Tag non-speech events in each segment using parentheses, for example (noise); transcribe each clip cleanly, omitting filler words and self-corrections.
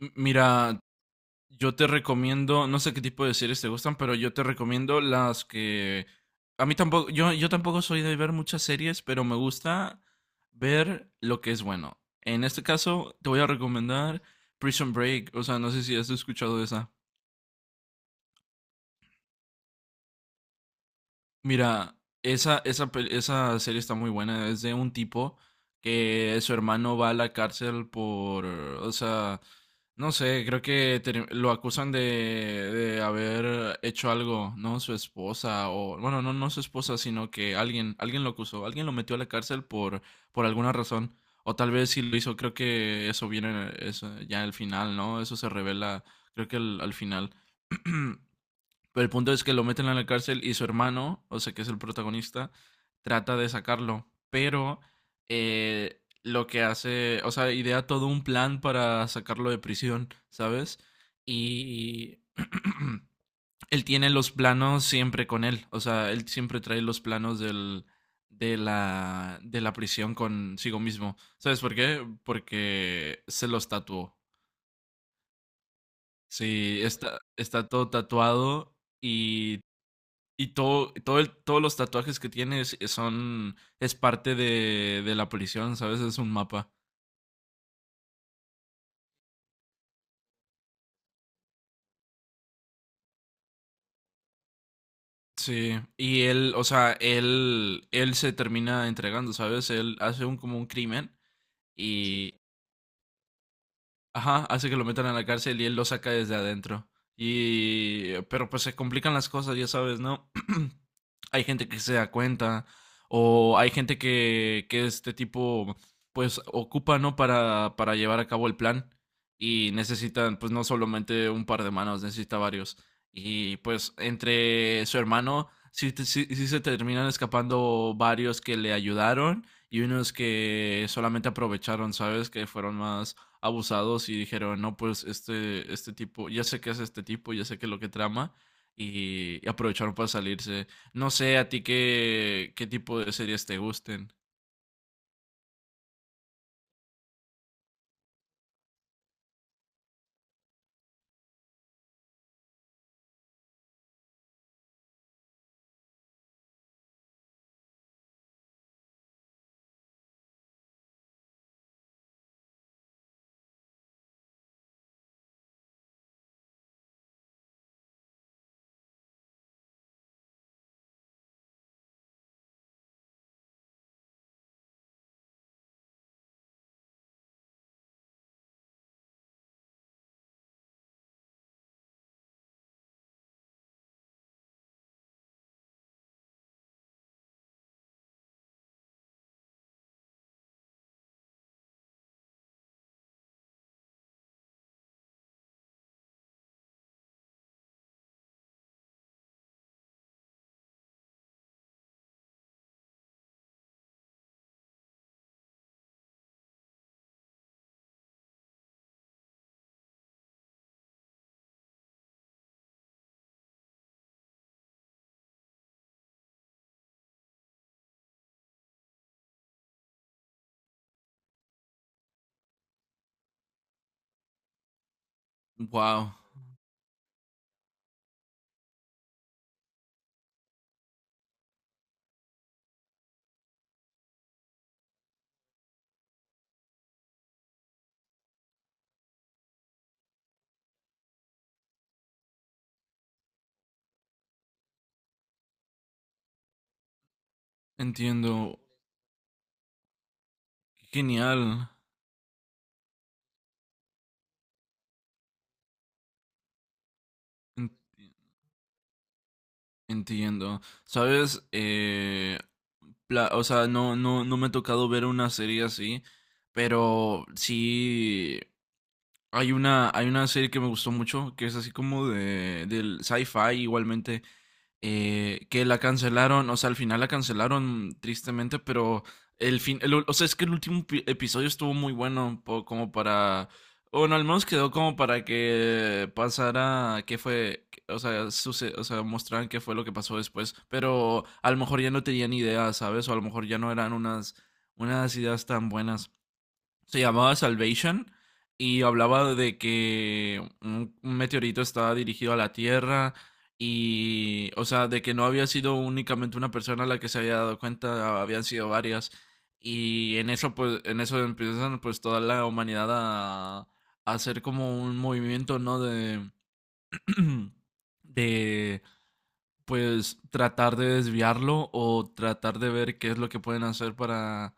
Mira, yo te recomiendo, no sé qué tipo de series te gustan, pero yo te recomiendo las que A mí tampoco, yo tampoco soy de ver muchas series, pero me gusta ver lo que es bueno. En este caso, te voy a recomendar Prison Break. O sea, no sé si has escuchado de esa. Mira, esa serie está muy buena. Es de un tipo que su hermano va a la cárcel por, o sea, no sé, lo acusan de haber hecho algo, ¿no? Su esposa, o bueno, no, no su esposa, sino que alguien, alguien lo acusó, alguien lo metió a la cárcel por alguna razón. O tal vez si lo hizo, creo que eso viene eso, ya al final, ¿no? Eso se revela, creo que al final. (clears throat) Pero el punto es que lo meten en la cárcel y su hermano, o sea, que es el protagonista, trata de sacarlo. Pero lo que hace, o sea, idea todo un plan para sacarlo de prisión, ¿sabes? Y (clears throat) él tiene los planos siempre con él, o sea, él siempre trae los planos de la prisión consigo mismo. ¿Sabes por qué? Porque se los tatuó. Sí, está todo tatuado y y todos los tatuajes que tienes son, es parte de la prisión, ¿sabes? Es un mapa. Sí. Y él, o sea, él se termina entregando, ¿sabes? Él hace un como un crimen y, ajá, hace que lo metan a la cárcel y él lo saca desde adentro. Pero pues se complican las cosas, ya sabes, ¿no? (clears throat) Hay gente que se da cuenta o hay gente que este tipo pues ocupa, ¿no? Para llevar a cabo el plan y necesitan pues no solamente un par de manos, necesita varios. Y pues entre su hermano sí, sí se terminan escapando varios que le ayudaron y unos que solamente aprovecharon, ¿sabes? Que fueron más abusados y dijeron, no, pues este tipo, ya sé qué es este tipo, ya sé qué es lo que trama, y aprovecharon para salirse. No sé a ti qué, qué tipo de series te gusten. Wow, entiendo. Genial. En- Entiendo. Sabes, o sea, no me ha tocado ver una serie así, pero sí hay una serie que me gustó mucho, que es así como de, del sci-fi igualmente, que la cancelaron, o sea, al final la cancelaron tristemente, pero o sea, es que el último episodio estuvo muy bueno, como para, bueno, al menos quedó como para que pasara, o sea, o sea, mostraran qué fue lo que pasó después, pero a lo mejor ya no tenían ideas, ¿sabes? O a lo mejor ya no eran unas ideas tan buenas. Se llamaba Salvation y hablaba de que un meteorito estaba dirigido a la Tierra y, o sea, de que no había sido únicamente una persona la que se había dado cuenta, habían sido varias. Y en eso, pues, en eso empiezan, pues, toda la humanidad a hacer como un movimiento, ¿no? De, (clears throat) de, pues, tratar de desviarlo o tratar de ver qué es lo que pueden hacer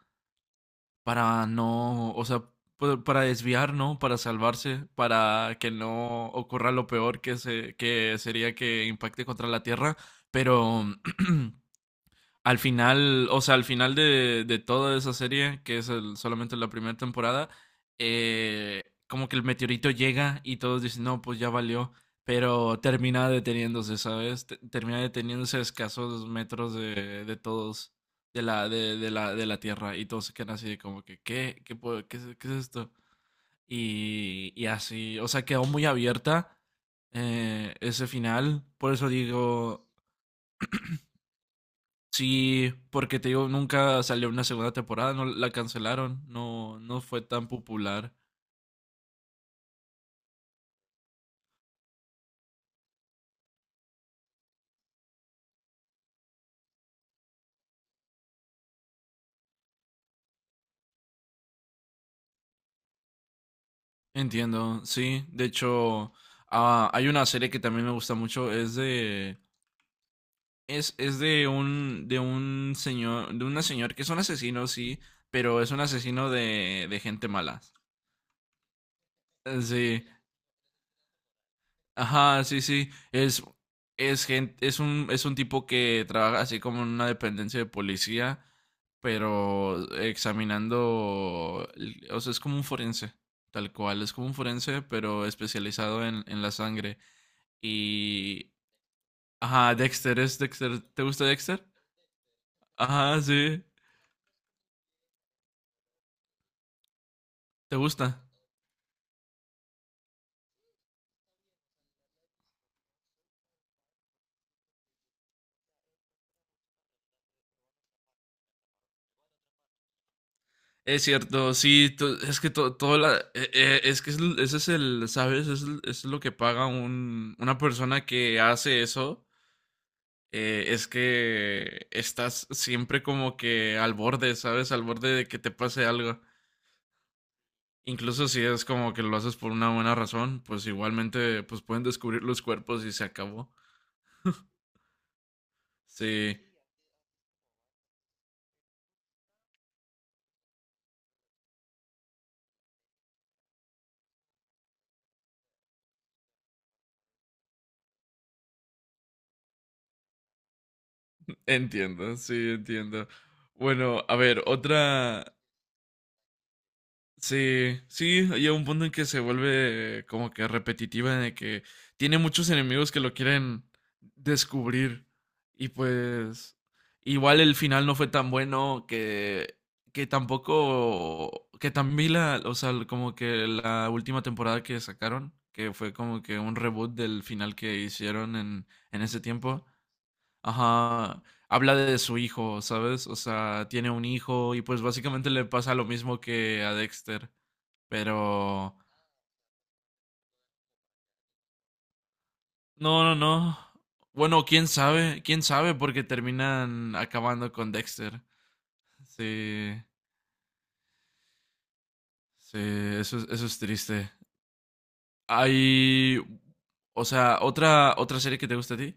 para no, o sea, para desviar, ¿no? Para salvarse, para que no ocurra lo peor que sería que impacte contra la Tierra, pero al final, o sea, al final de toda esa serie, que es solamente la primera temporada, como que el meteorito llega y todos dicen, no, pues ya valió, pero termina deteniéndose, ¿sabes? Termina deteniéndose a escasos metros de todos, de la Tierra, y todos se quedan así de como que, ¿qué? ¿Qué es esto? Y así, o sea, quedó muy abierta ese final, por eso digo. Sí, porque te digo, nunca salió una segunda temporada, no la cancelaron, no, no fue tan popular. Entiendo, sí. De hecho, ah, hay una serie que también me gusta mucho, es de un señor, de una señora que es un asesino, sí, pero es un asesino de gente mala. Sí, ajá, sí, sí. Es gente, es un tipo que trabaja así como en una dependencia de policía, pero examinando, o sea, es como un forense, tal cual, es como un forense, pero especializado en la sangre. Y, ajá, Dexter, es Dexter, ¿te gusta Dexter? Ajá, sí, ¿te gusta? Es cierto, sí, es que todo la, es que ese es el, ¿sabes? Es lo que paga un, una persona que hace eso es que estás siempre como que al borde, ¿sabes? Al borde de que te pase algo. Incluso si es como que lo haces por una buena razón, pues igualmente pues pueden descubrir los cuerpos y se acabó. Sí, entiendo, sí, entiendo. Bueno, a ver, otra. Sí, sí, llega un punto en que se vuelve como que repetitiva, de que tiene muchos enemigos que lo quieren descubrir. Y pues, igual el final no fue tan bueno que tampoco, que también la, o sea, como que la última temporada que sacaron, que fue como que un reboot del final que hicieron en ese tiempo, ajá, habla de su hijo, ¿sabes? O sea, tiene un hijo y pues básicamente le pasa lo mismo que a Dexter. Pero. No, no, no. Bueno, quién sabe, porque terminan acabando con Dexter. Sí, sí, eso, eso es triste. Hay. O sea, otra, otra serie que te gusta a ti.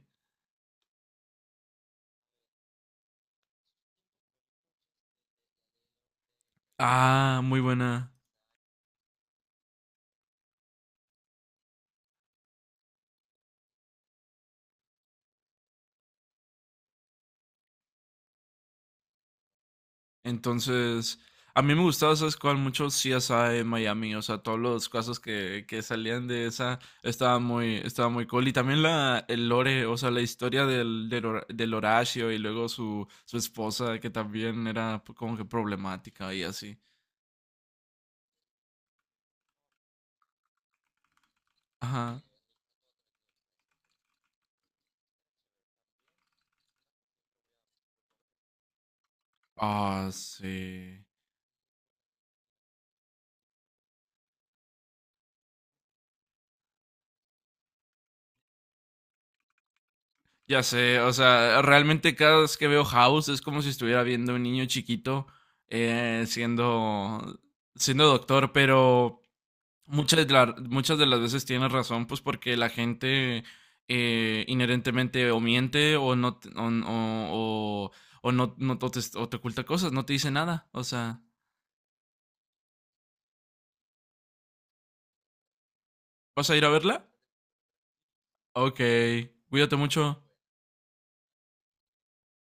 Ah, muy buena. Entonces, a mí me gustaba, ¿sabes cuál? Mucho CSI en Miami, o sea, todos los casos que salían de esa, estaba muy cool. Y también la, el lore, o sea, la historia del, del Horacio y luego su, su esposa, que también era como que problemática y así. Ajá. Ah, sí. Ya sé, o sea, realmente cada vez que veo House es como si estuviera viendo un niño chiquito siendo, siendo doctor, pero... Muchas, muchas de las veces tienes razón, pues porque la gente inherentemente o miente o no te- o no, no te, o te oculta cosas, no te dice nada. O sea, ¿vas a ir a verla? Ok, cuídate mucho.